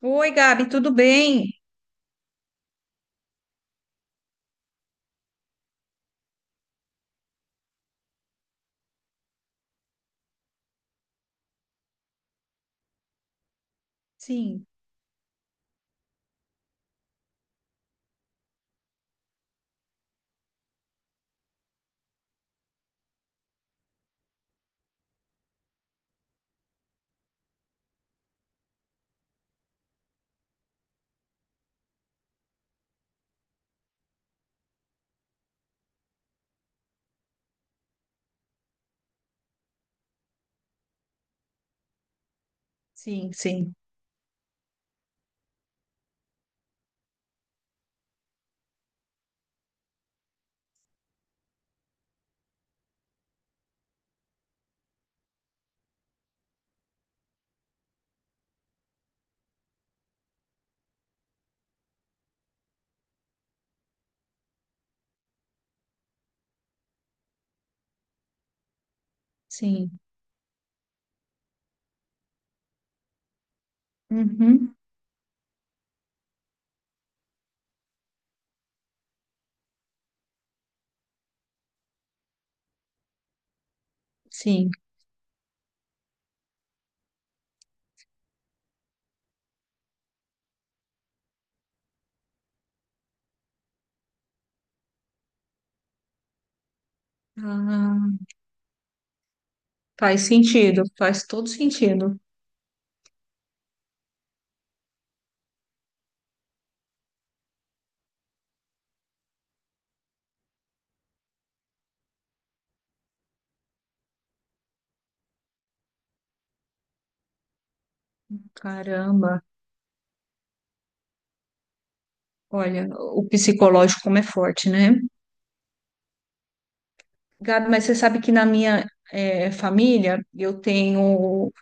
Oi, Gabi, tudo bem? Sim, sim, sim, sim. Uhum, sim. Ah, faz sentido, faz todo sentido. Caramba, olha, o psicológico como é forte, né? Gabi, mas você sabe que na minha família eu tenho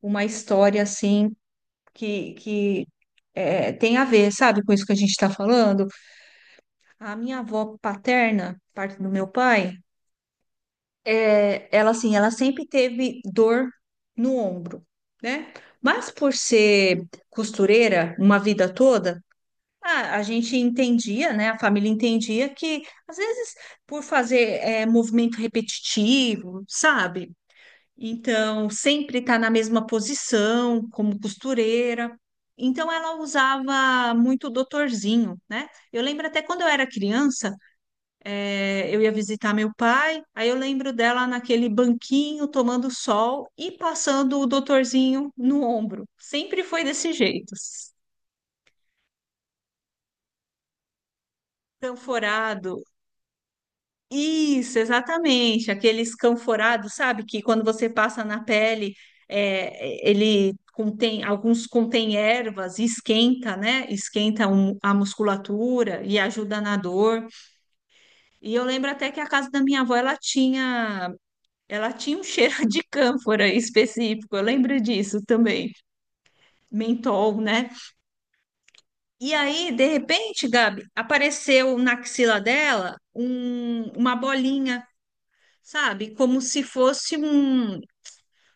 uma história assim que tem a ver, sabe, com isso que a gente está falando? A minha avó paterna, parte do meu pai. É, ela assim, ela sempre teve dor no ombro, né? Mas por ser costureira uma vida toda, a gente entendia, né? A família entendia que às vezes por fazer movimento repetitivo, sabe? Então sempre está na mesma posição como costureira. Então ela usava muito o doutorzinho, né? Eu lembro até quando eu era criança, eu ia visitar meu pai, aí eu lembro dela naquele banquinho tomando sol e passando o doutorzinho no ombro. Sempre foi desse jeito. Escanforado. Isso, exatamente. Aquele escanforado, sabe? Que quando você passa na pele, é, ele contém, alguns contém ervas, e esquenta, né? Esquenta a musculatura e ajuda na dor. E eu lembro até que a casa da minha avó, ela tinha. Ela tinha um cheiro de cânfora específico, eu lembro disso também. Mentol, né? E aí, de repente, Gabi, apareceu na axila dela uma bolinha, sabe? Como se fosse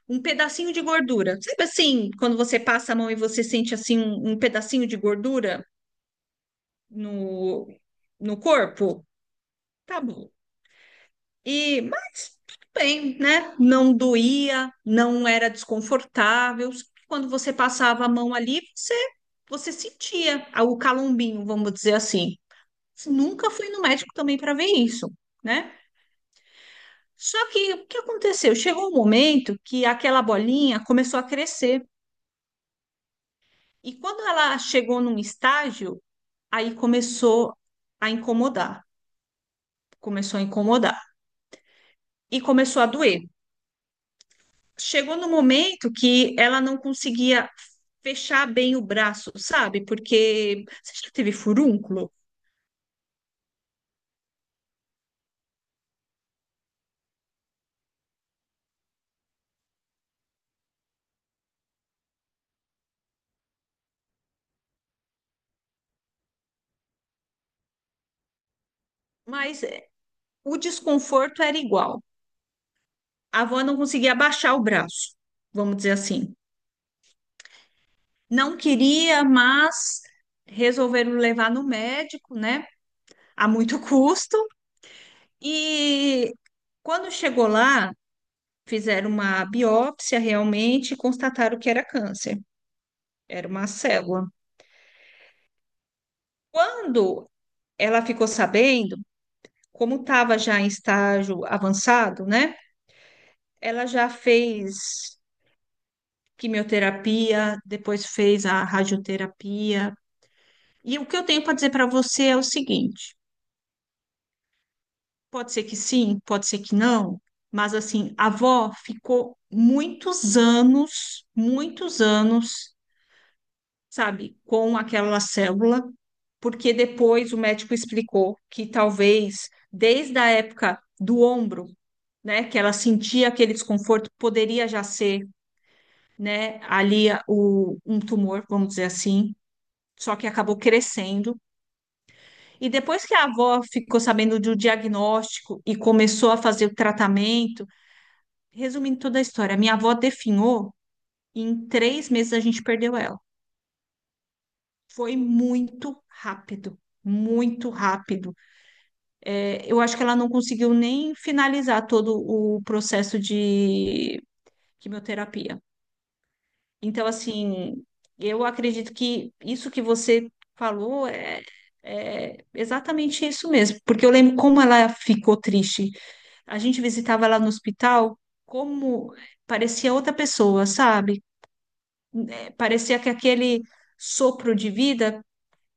um pedacinho de gordura. Sabe assim, quando você passa a mão e você sente assim um pedacinho de gordura no, no corpo? Tá bom. E, mas tudo bem, né? Não doía, não era desconfortável. Só que quando você passava a mão ali, você sentia o calombinho, vamos dizer assim. Nunca fui no médico também para ver isso, né? Só que o que aconteceu? Chegou um momento que aquela bolinha começou a crescer. E quando ela chegou num estágio, aí começou a incomodar. Começou a incomodar. E começou a doer. Chegou no momento que ela não conseguia fechar bem o braço, sabe? Porque você já teve furúnculo, mas é, o desconforto era igual. A avó não conseguia abaixar o braço, vamos dizer assim. Não queria, mas resolveram levar no médico, né? A muito custo. E quando chegou lá, fizeram uma biópsia realmente e constataram que era câncer, era uma célula. Quando ela ficou sabendo, como estava já em estágio avançado, né? Ela já fez quimioterapia, depois fez a radioterapia. E o que eu tenho para dizer para você é o seguinte: pode ser que sim, pode ser que não, mas assim, a avó ficou muitos anos, sabe, com aquela célula, porque depois o médico explicou que talvez desde a época do ombro, né, que ela sentia aquele desconforto, poderia já ser né, ali, um tumor, vamos dizer assim, só que acabou crescendo. E depois que a avó ficou sabendo do diagnóstico e começou a fazer o tratamento, resumindo toda a história, minha avó definhou e em 3 meses a gente perdeu ela. Foi muito rápido. Muito rápido. É, eu acho que ela não conseguiu nem finalizar todo o processo de quimioterapia. Então, assim, eu acredito que isso que você falou é, é exatamente isso mesmo, porque eu lembro como ela ficou triste. A gente visitava ela no hospital, como parecia outra pessoa, sabe? É, parecia que aquele sopro de vida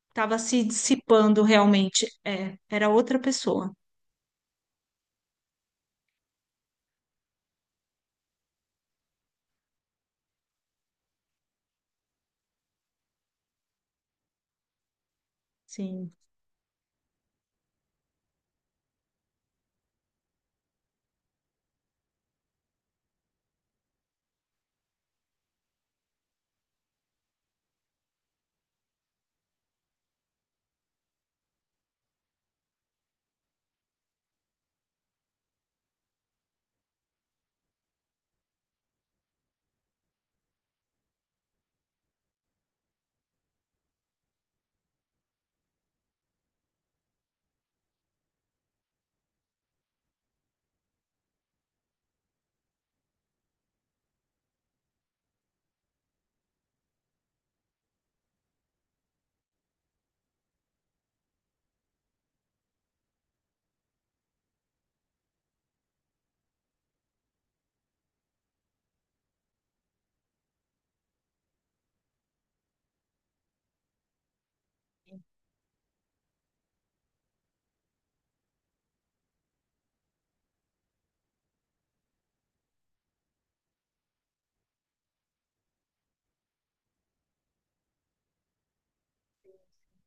estava se dissipando realmente. É, era outra pessoa. Sim,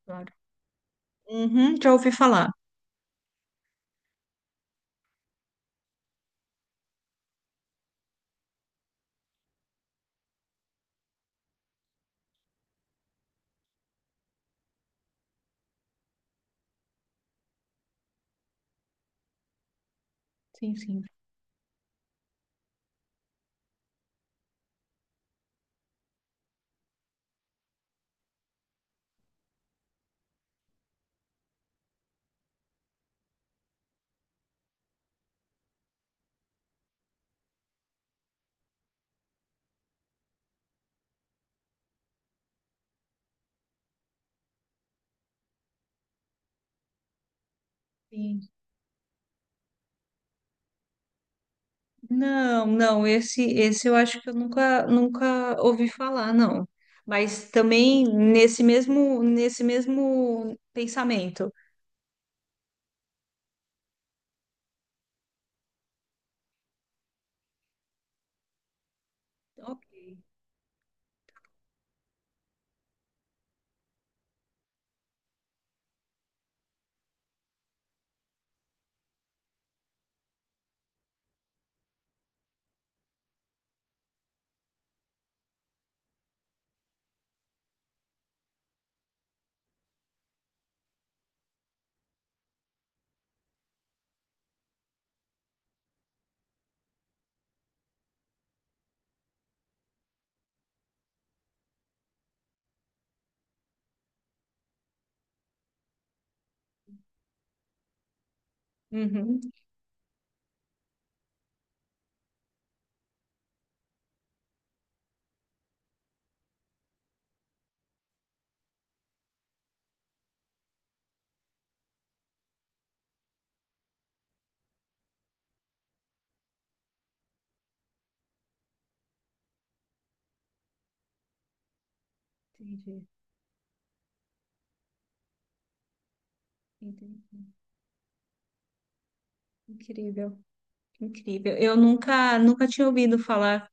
claro. Uhum, já ouvi falar. Sim, sim, sim. Não, não, esse eu acho que eu nunca ouvi falar, não. Mas também nesse mesmo pensamento. Ok. Uhum. Entendi, entendi. Incrível, incrível. Eu nunca tinha ouvido falar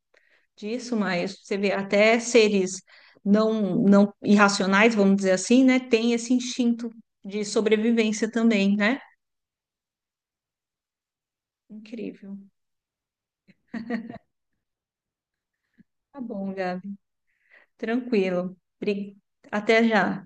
disso, mas você vê até seres não irracionais, vamos dizer assim, né, tem esse instinto de sobrevivência também, né? Incrível. Tá bom, Gabi. Tranquilo. Até já.